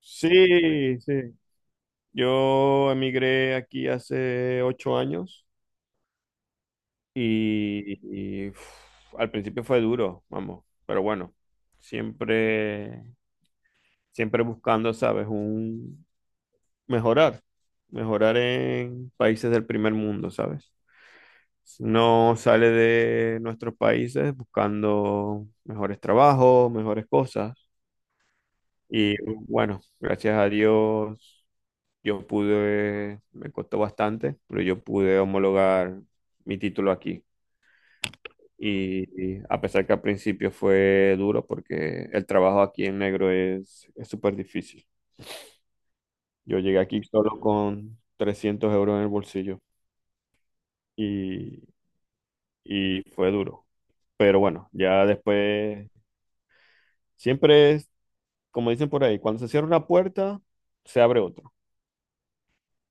Sí, sí. Yo emigré aquí hace 8 años y, y al principio fue duro, vamos, pero bueno, siempre, siempre buscando, ¿sabes? Un mejorar, mejorar en países del primer mundo, ¿sabes? No sale de nuestros países buscando mejores trabajos, mejores cosas y bueno, gracias a Dios. Yo pude, me costó bastante, pero yo pude homologar mi título aquí. Y a pesar que al principio fue duro, porque el trabajo aquí en negro es súper difícil. Yo llegué aquí solo con 300 euros en el bolsillo y, y fue duro. Pero bueno, ya después, siempre es, como dicen por ahí, cuando se cierra una puerta, se abre otra.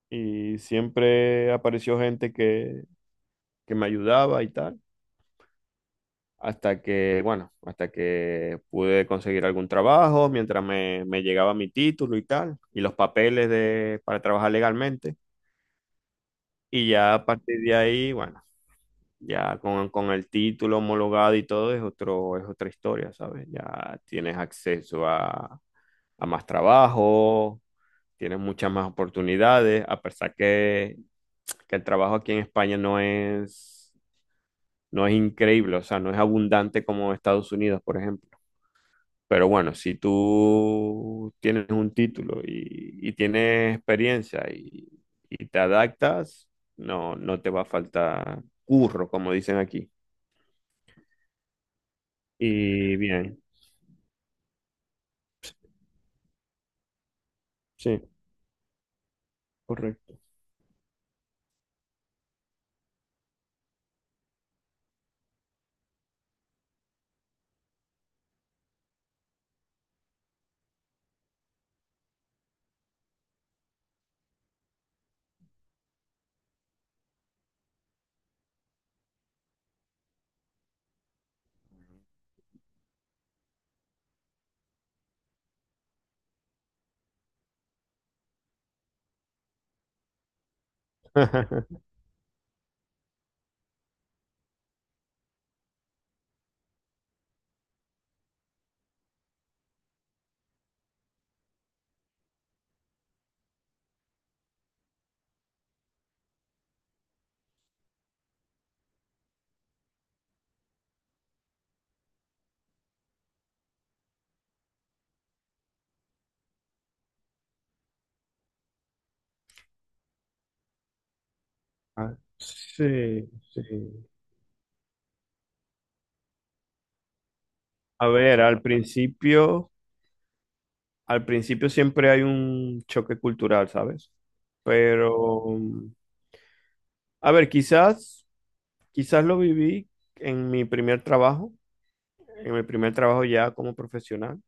Y siempre apareció gente que me ayudaba y tal. Hasta que, bueno, hasta que pude conseguir algún trabajo mientras me llegaba mi título y tal, y los papeles de, para trabajar legalmente. Y ya a partir de ahí, bueno, ya con el título homologado y todo es otro, es otra historia, ¿sabes? Ya tienes acceso a más trabajo, tienes muchas más oportunidades, a pesar que el trabajo aquí en España no es increíble, o sea, no es abundante como Estados Unidos, por ejemplo. Pero bueno, si tú tienes un título y tienes experiencia y te adaptas, no te va a faltar curro, como dicen aquí. Y bien, sí, correcto. Ah, sí, sí. A ver, al principio siempre hay un choque cultural, ¿sabes? Pero, a ver, quizás lo viví en mi primer trabajo, en mi primer trabajo ya como profesional.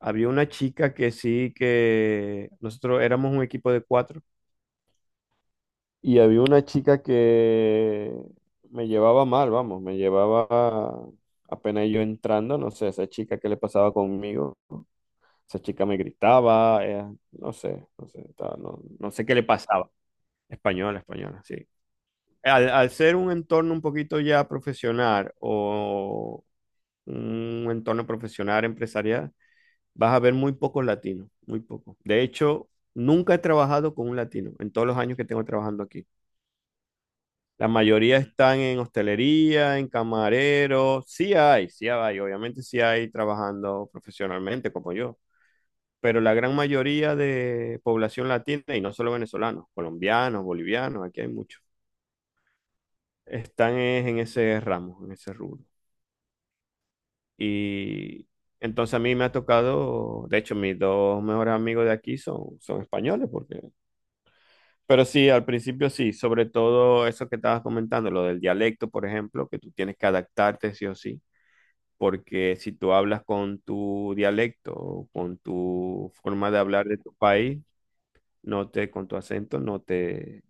Había una chica que sí, que nosotros éramos un equipo de cuatro y había una chica que me llevaba mal, vamos, me llevaba apenas yo entrando, no sé, esa chica que le pasaba conmigo, esa chica me gritaba, no sé, no sé, no, no sé qué le pasaba. Española, española, sí. Al ser un entorno un poquito ya profesional o un entorno profesional empresarial, vas a ver muy pocos latinos, muy pocos. De hecho, nunca he trabajado con un latino en todos los años que tengo trabajando aquí. La mayoría están en hostelería, en camarero. Sí hay, obviamente sí hay trabajando profesionalmente como yo. Pero la gran mayoría de población latina, y no solo venezolanos, colombianos, bolivianos, aquí hay muchos, están es en ese ramo, en ese rubro. Y entonces a mí me ha tocado, de hecho, mis dos mejores amigos de aquí son españoles, porque pero sí, al principio sí, sobre todo eso que estabas comentando, lo del dialecto, por ejemplo, que tú tienes que adaptarte sí o sí, porque si tú hablas con tu dialecto o con tu forma de hablar de tu país, no te, con tu acento, no te,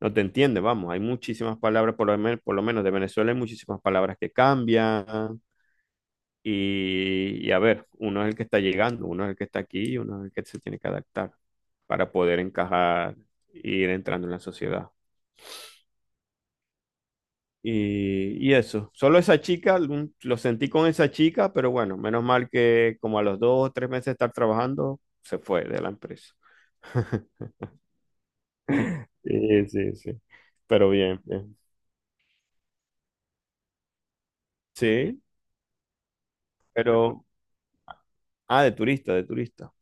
no te entiende, vamos, hay muchísimas palabras, por lo menos de Venezuela hay muchísimas palabras que cambian y a ver, uno es el que está llegando, uno es el que está aquí y uno es el que se tiene que adaptar para poder encajar e ir entrando en la sociedad. Y eso, solo esa chica, lo sentí con esa chica, pero bueno, menos mal que como a los 2 o 3 meses de estar trabajando, se fue de la empresa. Sí, sí, sí. Pero bien, bien. Sí, pero... Ah, de turista, de turista.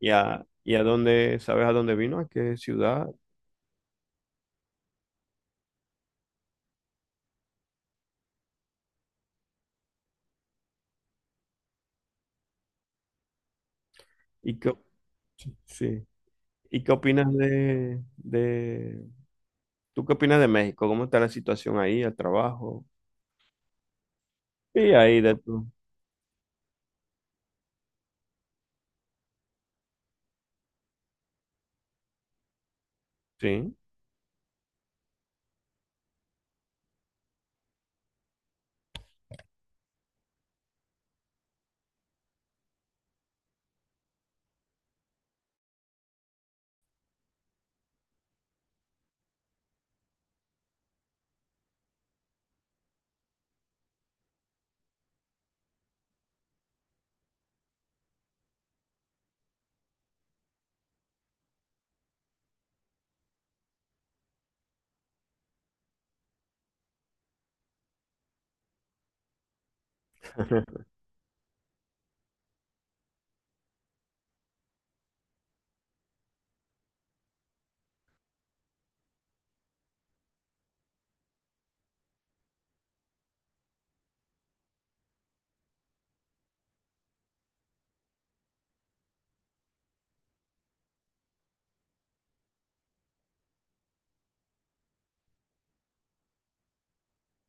¿Y a dónde, sabes a dónde vino? ¿A qué ciudad? ¿Y qué, op- sí. ¿Y qué opinas de... ¿Tú qué opinas de México? ¿Cómo está la situación ahí, el trabajo? Sí, ahí de tú sí.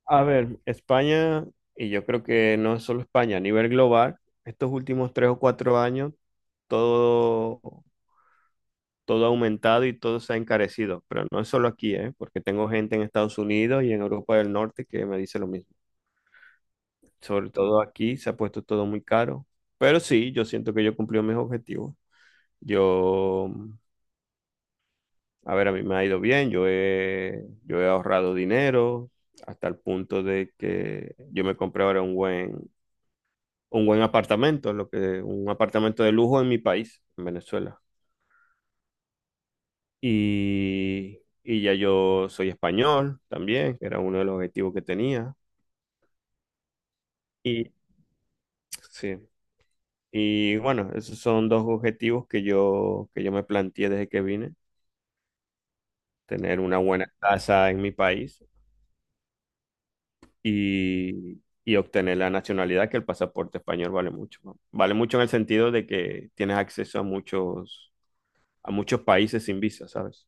A ver, España, y yo creo que no solo España, a nivel global, estos últimos 3 o 4 años, todo, todo ha aumentado y todo se ha encarecido. Pero no es solo aquí, ¿eh? Porque tengo gente en Estados Unidos y en Europa del Norte que me dice lo mismo. Sobre todo aquí se ha puesto todo muy caro. Pero sí, yo siento que yo cumplí mis objetivos. Yo, a ver, a mí me ha ido bien, yo he ahorrado dinero hasta el punto de que yo me compré ahora un buen apartamento, lo que, un apartamento de lujo en mi país, en Venezuela. Y ya yo soy español también, que era uno de los objetivos que tenía. Y sí, y bueno, esos son dos objetivos que yo me planteé desde que vine, tener una buena casa en mi país y obtener la nacionalidad, que el pasaporte español vale mucho. ¿No? Vale mucho en el sentido de que tienes acceso a muchos países sin visa, ¿sabes?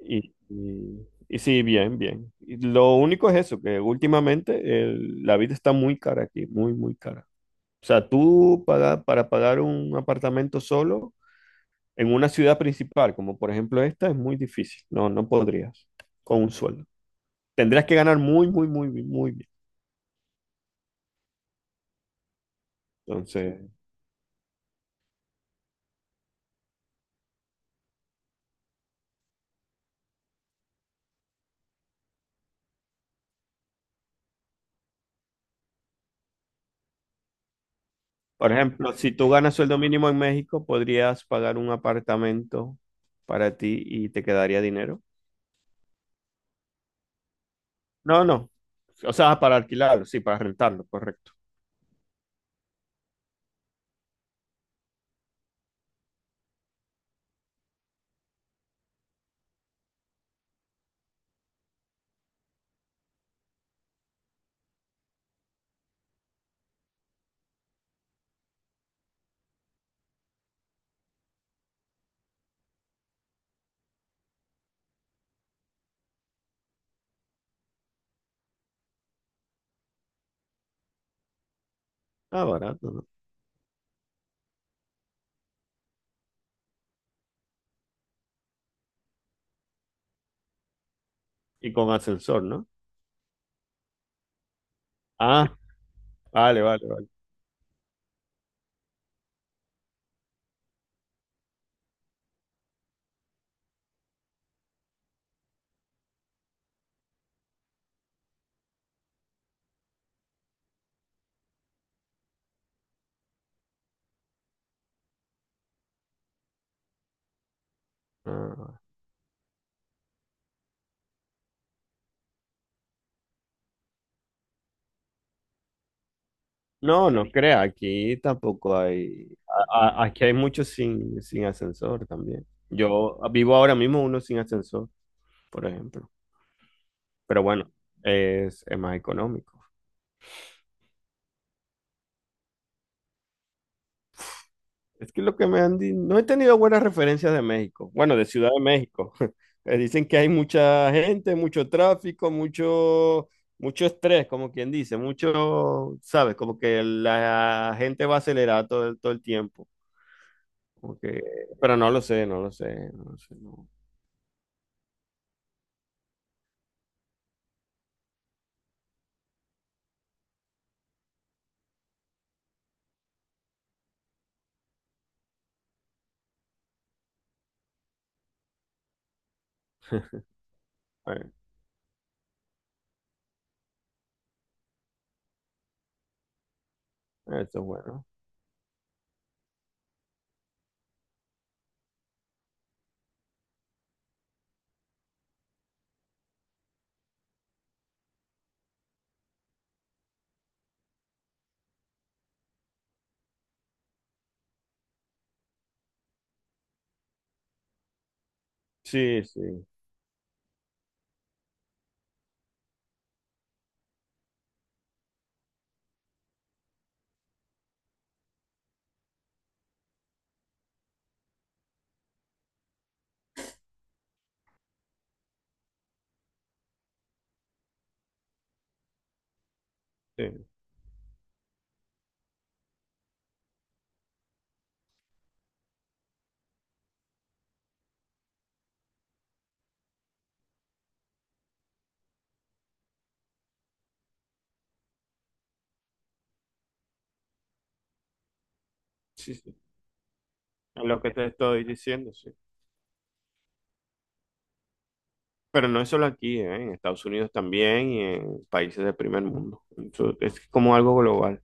Y sí, bien, bien. Y lo único es eso, que últimamente la vida está muy cara aquí, muy, muy cara. O sea, para pagar un apartamento solo en una ciudad principal, como por ejemplo esta, es muy difícil. No, no podrías con un sueldo. Tendrías que ganar muy, muy, muy, muy bien. Entonces, por ejemplo, si tú ganas sueldo mínimo en México, podrías pagar un apartamento para ti y te quedaría dinero. No, no. O sea, para alquilarlo, sí, para rentarlo, correcto. Ah, barato, ¿no? Y con ascensor, ¿no? Ah, vale, vale, vale. Ah. No, no crea, aquí tampoco hay, aquí hay muchos sin ascensor también. Yo vivo ahora mismo uno sin ascensor, por ejemplo. Pero bueno, es más económico. Es que lo que me han dicho, no he tenido buenas referencias de México, bueno, de Ciudad de México. Dicen que hay mucha gente, mucho tráfico, mucho, mucho estrés, como quien dice, mucho, ¿sabes? Como que la gente va acelerada todo, todo el tiempo. Como que- pero no lo sé, no lo sé, no lo sé, no. Bueno, esto es bueno. Sí, sí, sí, sí, sí. Es lo que te estoy diciendo, sí. Pero no es solo aquí, ¿eh? En Estados Unidos también y en países del primer mundo. Eso es como algo global.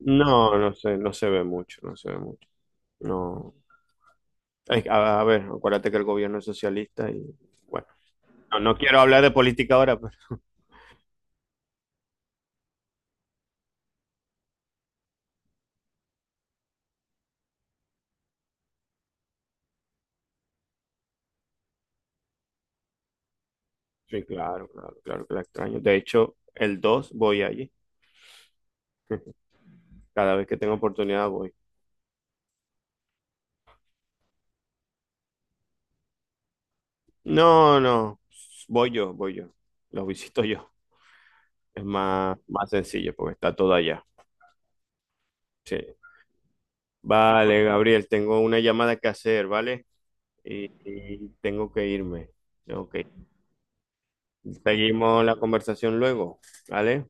No, no sé, no se ve mucho, no se ve mucho. No. Ay, a ver, acuérdate que el gobierno es socialista y bueno, no, no quiero hablar de política ahora, pero sí, claro, claro, claro que la extraño. De hecho, el 2 voy allí. Cada vez que tengo oportunidad voy. No, no, voy yo, voy yo. Los visito yo. Es más, más sencillo porque está todo allá. Sí. Vale, Gabriel, tengo una llamada que hacer, ¿vale? Y tengo que irme. Tengo que ir. Seguimos la conversación luego, ¿vale?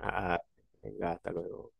Ah, venga, hasta luego.